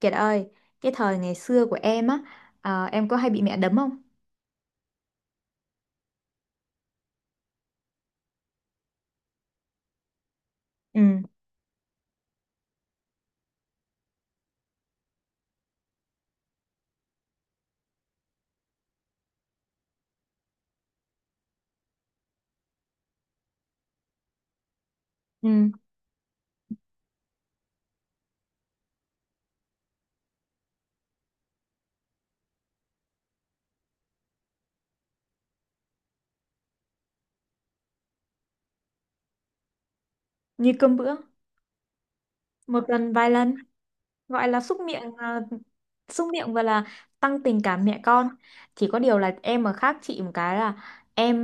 Kiệt ơi, cái thời ngày xưa của em á, à, em có hay bị mẹ đấm không? Ừ, ừ, như cơm bữa, một lần vài lần. Gọi là xúc miệng à, xúc miệng và là tăng tình cảm mẹ con. Chỉ có điều là em mà khác chị một cái là em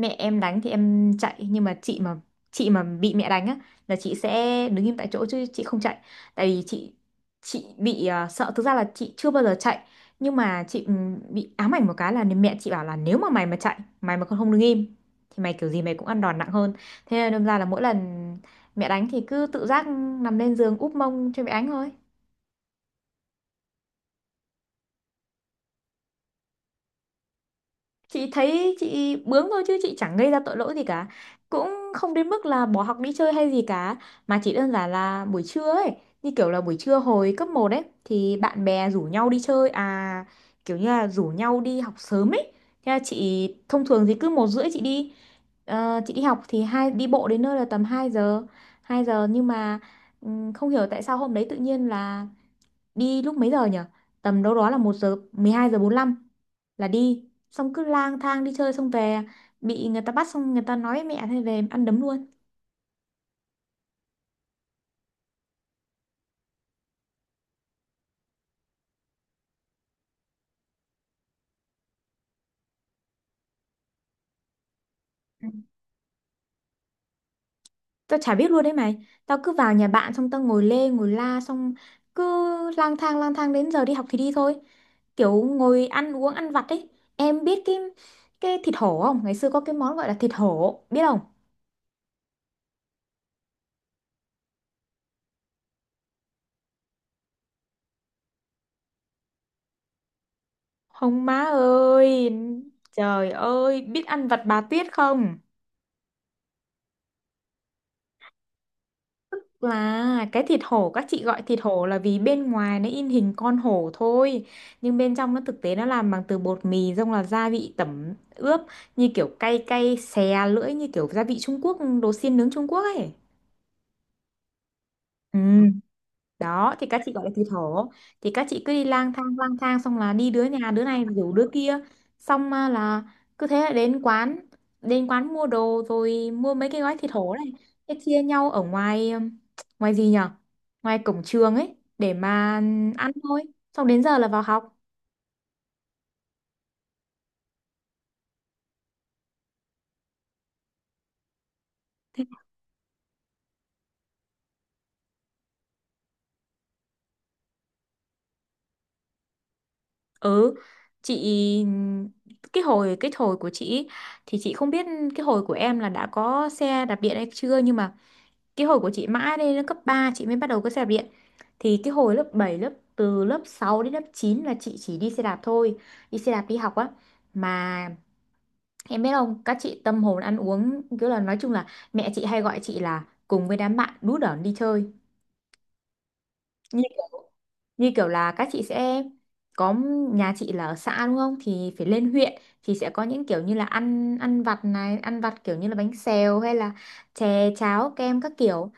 mẹ em đánh thì em chạy, nhưng mà chị mà bị mẹ đánh á là chị sẽ đứng im tại chỗ chứ chị không chạy. Tại vì chị bị sợ, thực ra là chị chưa bao giờ chạy. Nhưng mà chị bị ám ảnh một cái là mẹ chị bảo là nếu mà mày mà chạy, mày mà còn không đứng im thì mày kiểu gì mày cũng ăn đòn nặng hơn. Thế nên đâm ra là mỗi lần mẹ đánh thì cứ tự giác nằm lên giường úp mông cho mẹ đánh thôi. Chị thấy chị bướng thôi chứ chị chẳng gây ra tội lỗi gì cả, cũng không đến mức là bỏ học đi chơi hay gì cả. Mà chỉ đơn giản là buổi trưa ấy, như kiểu là buổi trưa hồi cấp một ấy thì bạn bè rủ nhau đi chơi à, kiểu như là rủ nhau đi học sớm ấy. Thế là chị thông thường thì cứ 1 rưỡi chị đi, chị đi học thì hai đi bộ đến nơi là tầm 2 giờ. 2 giờ nhưng mà không hiểu tại sao hôm đấy tự nhiên là đi lúc mấy giờ nhỉ, tầm đâu đó là 1 giờ, 12 giờ 45 là đi. Xong cứ lang thang đi chơi, xong về bị người ta bắt, xong người ta nói với mẹ, thế về ăn đấm luôn. Ừ. Tao chả biết luôn đấy mày, tao cứ vào nhà bạn xong tao ngồi lê ngồi la, xong cứ lang thang đến giờ đi học thì đi thôi, kiểu ngồi ăn uống ăn vặt ấy. Em biết cái thịt hổ không, ngày xưa có cái món gọi là thịt hổ biết không? Không má ơi, trời ơi, biết ăn vặt bà Tuyết không? Là cái thịt hổ, các chị gọi thịt hổ là vì bên ngoài nó in hình con hổ thôi, nhưng bên trong nó thực tế nó làm bằng từ bột mì, xong là gia vị tẩm ướp như kiểu cay cay xè lưỡi, như kiểu gia vị Trung Quốc, đồ xiên nướng Trung Quốc ấy. Ừ. Đó thì các chị gọi là thủy thổ. Thì các chị cứ đi lang thang lang thang, xong là đi đứa nhà đứa này rủ đứa kia, xong là cứ thế là đến quán. Đến quán mua đồ rồi mua mấy cái gói thịt hổ này, thế chia nhau ở ngoài, ngoài gì nhở, ngoài cổng trường ấy để mà ăn thôi. Xong đến giờ là vào học. Thế- ừ, chị cái hồi của chị ý, thì chị không biết cái hồi của em là đã có xe đạp điện hay chưa, nhưng mà cái hồi của chị mãi lên đến cấp 3 chị mới bắt đầu có xe đạp điện. Thì cái hồi lớp 7, lớp từ lớp 6 đến lớp 9 là chị chỉ đi xe đạp thôi, đi xe đạp đi học á. Mà em biết không, các chị tâm hồn ăn uống kiểu là nói chung là mẹ chị hay gọi chị là cùng với đám bạn đú đởn đi chơi. Như kiểu, như kiểu là các chị sẽ có, nhà chị là ở xã đúng không, thì phải lên huyện thì sẽ có những kiểu như là ăn ăn vặt này, ăn vặt kiểu như là bánh xèo hay là chè cháo kem các kiểu.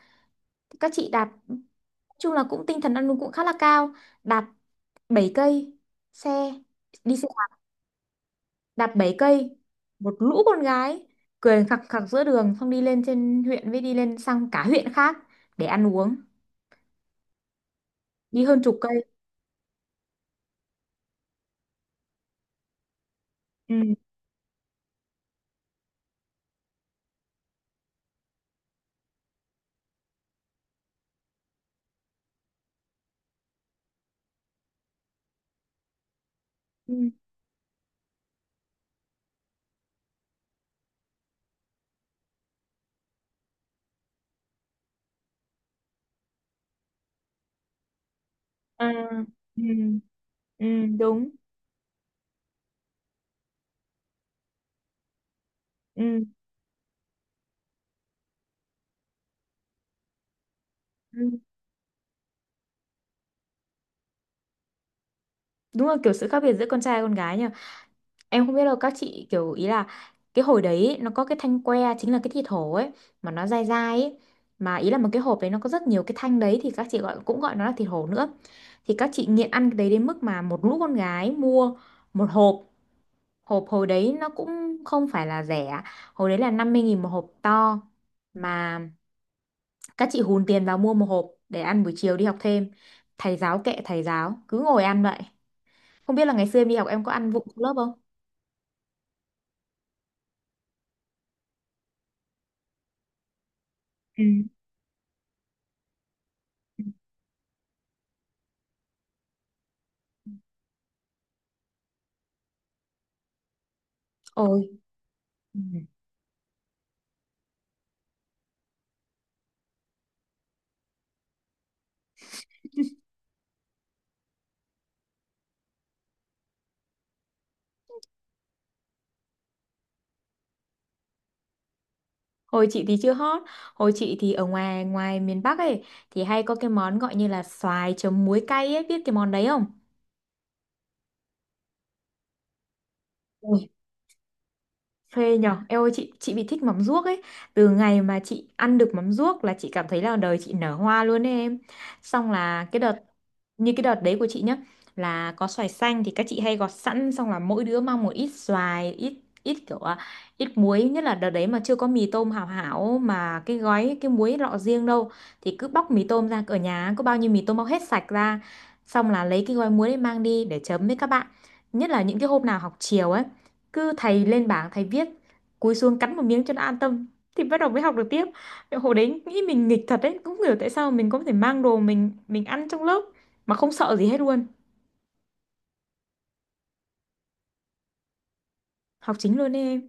Các chị đạp, nói chung là cũng tinh thần ăn uống cũng khá là cao. Đạp 7 cây xe, đi xe đạp, đạp 7 cây, một lũ con gái cười khặc khặc giữa đường, xong đi lên trên huyện với đi lên sang cả huyện khác để ăn uống, đi hơn chục cây. Ừ. Ừ. Ừ. Ừ, ừ, đúng. Ừ. Ừ. Đúng là kiểu sự khác biệt giữa con trai và con gái nhỉ. Em không biết đâu, các chị kiểu ý là cái hồi đấy ấy, nó có cái thanh que chính là cái thịt hổ ấy, mà nó dai dai ấy. Mà ý là một cái hộp đấy nó có rất nhiều cái thanh đấy thì các chị gọi cũng gọi nó là thịt hổ nữa. Thì các chị nghiện ăn cái đấy đến mức mà một lũ con gái mua một hộp. Hộp hồi đấy nó cũng không phải là rẻ, hồi đấy là 50.000 một hộp to. Mà các chị hùn tiền vào mua một hộp để ăn buổi chiều đi học thêm. Thầy giáo kệ thầy giáo cứ ngồi ăn vậy. Không biết là ngày xưa em đi học em có ăn vụng lớp không? Ừ. Ôi. Hồi chị thì chưa hot. Hồi chị thì ở ngoài, ngoài miền Bắc ấy thì hay có cái món gọi như là xoài chấm muối cay ấy, biết cái món đấy không? Phê nhở. Em ơi, chị bị thích mắm ruốc ấy. Từ ngày mà chị ăn được mắm ruốc là chị cảm thấy là đời chị nở hoa luôn ấy em. Xong là cái đợt, như cái đợt đấy của chị nhá, là có xoài xanh thì các chị hay gọt sẵn. Xong là mỗi đứa mang một ít xoài, ít ít kiểu à, ít muối. Nhất là đợt đấy mà chưa có mì tôm hảo hảo, mà cái gói cái muối lọ riêng đâu. Thì cứ bóc mì tôm ra, ở nhà có bao nhiêu mì tôm bóc hết sạch ra. Xong là lấy cái gói muối đấy mang đi để chấm với các bạn. Nhất là những cái hôm nào học chiều ấy, cứ thầy lên bảng thầy viết, cúi xuống cắn một miếng cho nó an tâm thì bắt đầu mới học được tiếp. Hồi đấy nghĩ mình nghịch thật đấy, cũng không hiểu tại sao mình có thể mang đồ mình ăn trong lớp mà không sợ gì hết luôn. Học chính luôn đấy em.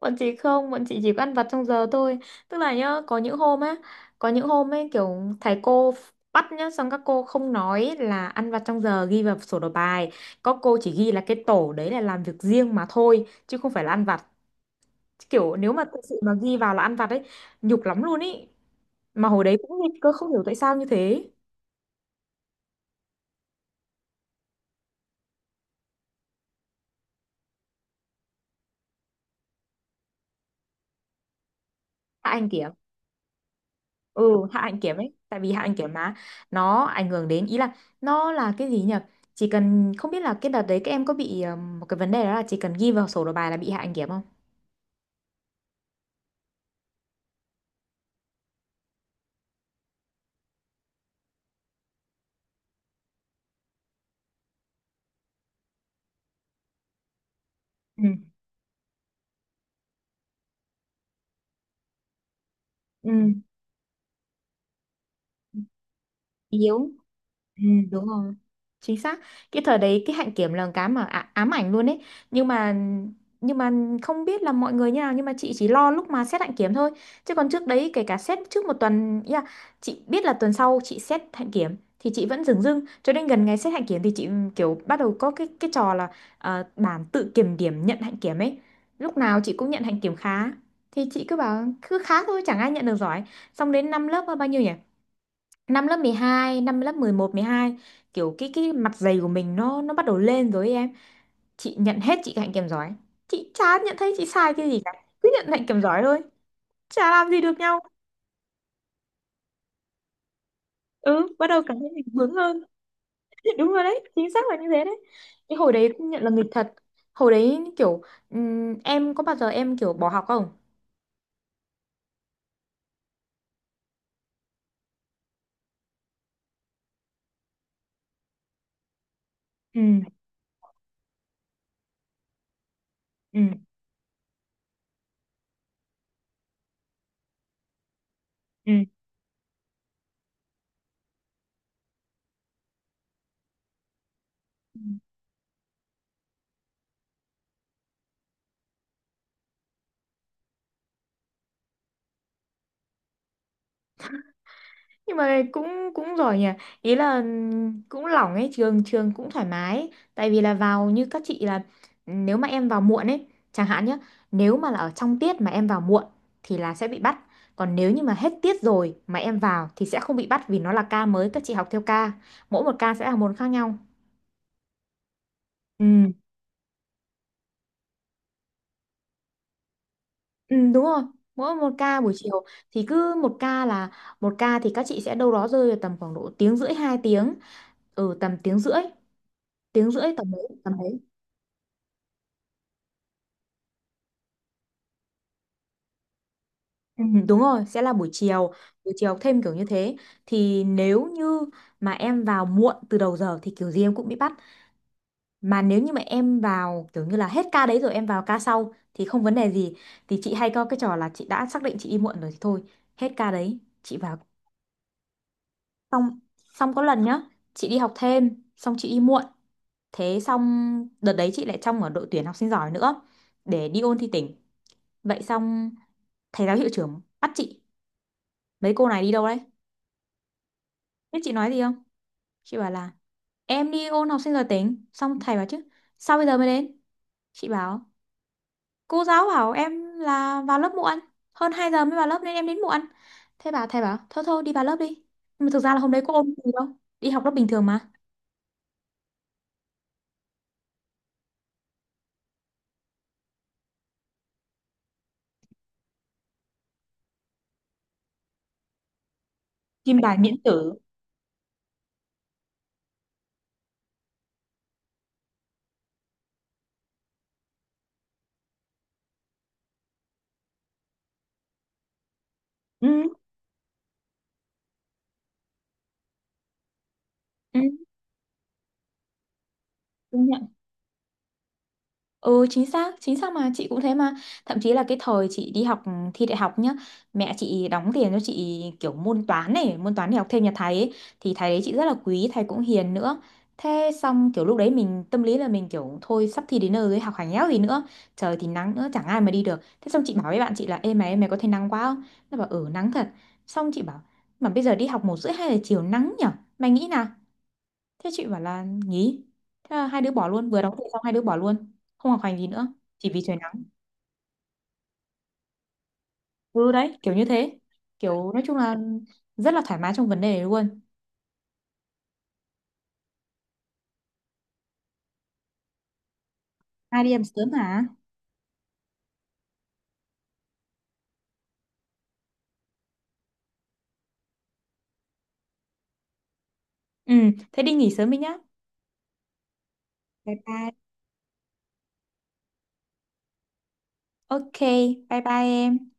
Bọn chị không, bọn chị chỉ có ăn vặt trong giờ thôi. Tức là nhá, có những hôm á, có những hôm ấy kiểu thầy cô bắt nhá, xong các cô không nói là ăn vặt trong giờ ghi vào sổ đầu bài. Có cô chỉ ghi là cái tổ đấy là làm việc riêng mà thôi chứ không phải là ăn vặt. Kiểu nếu mà thực sự mà ghi vào là ăn vặt ấy, nhục lắm luôn ý. Mà hồi đấy cũng nghịch cơ, không hiểu tại sao như thế. Hạ anh kiểm. Ừ, hạ anh kiểm ấy, tại vì hạ anh kiểm mà, nó ảnh hưởng đến ý là, nó là cái gì nhỉ, chỉ cần không biết là cái đợt đấy các em có bị một cái vấn đề đó là chỉ cần ghi vào sổ đầu bài là bị hạ anh kiểm không? Ừ. Ừ. Yếu. Ừ, đúng rồi, chính xác. Cái thời đấy cái hạnh kiểm là cái mà ám ảnh luôn ấy. Nhưng mà nhưng mà không biết là mọi người như nào, nhưng mà chị chỉ lo lúc mà xét hạnh kiểm thôi, chứ còn trước đấy kể cả xét trước 1 tuần ý là chị biết là tuần sau chị xét hạnh kiểm thì chị vẫn dửng dưng cho đến gần ngày xét hạnh kiểm thì chị kiểu bắt đầu có cái trò là bản tự kiểm điểm nhận hạnh kiểm ấy. Lúc nào chị cũng nhận hạnh kiểm khá, thì chị cứ bảo cứ khá thôi, chẳng ai nhận được giỏi. Xong đến năm lớp bao nhiêu nhỉ, năm lớp 12, năm lớp 11 12, kiểu cái mặt dày của mình nó bắt đầu lên rồi ấy em. Chị nhận hết chị hạnh kèm giỏi. Chị chả nhận thấy chị sai cái gì cả. Cứ nhận hạnh kèm giỏi thôi. Chả làm gì được nhau. Ừ, bắt đầu cảm thấy mình bướng hơn. Đúng rồi đấy, chính xác là như thế đấy. Cái hồi đấy cũng nhận là nghịch thật. Hồi đấy kiểu em có bao giờ em kiểu bỏ học không? Ừ, ừ, ừ. Nhưng mà cũng cũng giỏi nhỉ, ý là cũng lỏng ấy, trường trường cũng thoải mái ấy. Tại vì là vào như các chị là nếu mà em vào muộn ấy, chẳng hạn nhé, nếu mà là ở trong tiết mà em vào muộn thì là sẽ bị bắt. Còn nếu như mà hết tiết rồi mà em vào thì sẽ không bị bắt vì nó là ca mới, các chị học theo ca, mỗi một ca sẽ là một khác nhau. Ừ, ừ đúng rồi. Mỗi một ca buổi chiều thì cứ một ca là, một ca thì các chị sẽ đâu đó rơi vào tầm khoảng độ tiếng rưỡi 2 tiếng. Ừ, tầm tiếng rưỡi, tiếng rưỡi tầm đấy tầm đấy. Ừ, đúng rồi, sẽ là buổi chiều thêm kiểu như thế. Thì nếu như mà em vào muộn từ đầu giờ thì kiểu gì em cũng bị bắt. Mà nếu như mà em vào kiểu như là hết ca đấy rồi em vào ca sau thì không vấn đề gì. Thì chị hay có cái trò là chị đã xác định chị đi muộn rồi thì thôi, hết ca đấy, chị vào. Xong, xong có lần nhá, chị đi học thêm, xong chị đi muộn. Thế xong đợt đấy chị lại trong ở đội tuyển học sinh giỏi nữa để đi ôn thi tỉnh. Vậy xong thầy giáo hiệu trưởng bắt chị, mấy cô này đi đâu đấy? Biết chị nói gì không? Chị bảo là em đi ôn học sinh giỏi tính. Xong thầy bảo chứ sao bây giờ mới đến? Chị bảo cô giáo bảo em là vào lớp muộn. Hơn 2 giờ mới vào lớp nên em đến muộn. Thế bà thầy bảo thôi thôi đi vào lớp đi. Nhưng mà thực ra là hôm đấy có ôn gì đâu. Đi học lớp bình thường mà. Kim bài miễn tử. Ừ. Ừ. Đúng. Ừ, chính xác, chính xác, mà chị cũng thế mà. Thậm chí là cái thời chị đi học thi đại học nhá. Mẹ chị đóng tiền cho chị kiểu môn toán này, môn toán để học thêm nhà thầy ấy. Thì thầy đấy chị rất là quý, thầy cũng hiền nữa. Thế xong kiểu lúc đấy mình tâm lý là mình kiểu, thôi sắp thi đến nơi rồi học hành éo gì nữa, trời thì nắng nữa chẳng ai mà đi được. Thế xong chị bảo với bạn chị là, ê mày, mày có thấy nắng quá không? Nó bảo ừ nắng thật. Xong chị bảo mà bây giờ đi học 1 rưỡi 2 giờ chiều nắng nhở, mày nghĩ nào? Thế chị bảo là nghỉ. Thế là hai đứa bỏ luôn, vừa đóng tiền xong hai đứa bỏ luôn. Không học hành gì nữa, chỉ vì trời nắng. Ừ đấy, kiểu như thế. Kiểu nói chung là rất là thoải mái trong vấn đề này luôn. Hai đi em sớm hả? Ừ, thế đi nghỉ sớm đi nhá. Bye bye. Ok, bye bye em.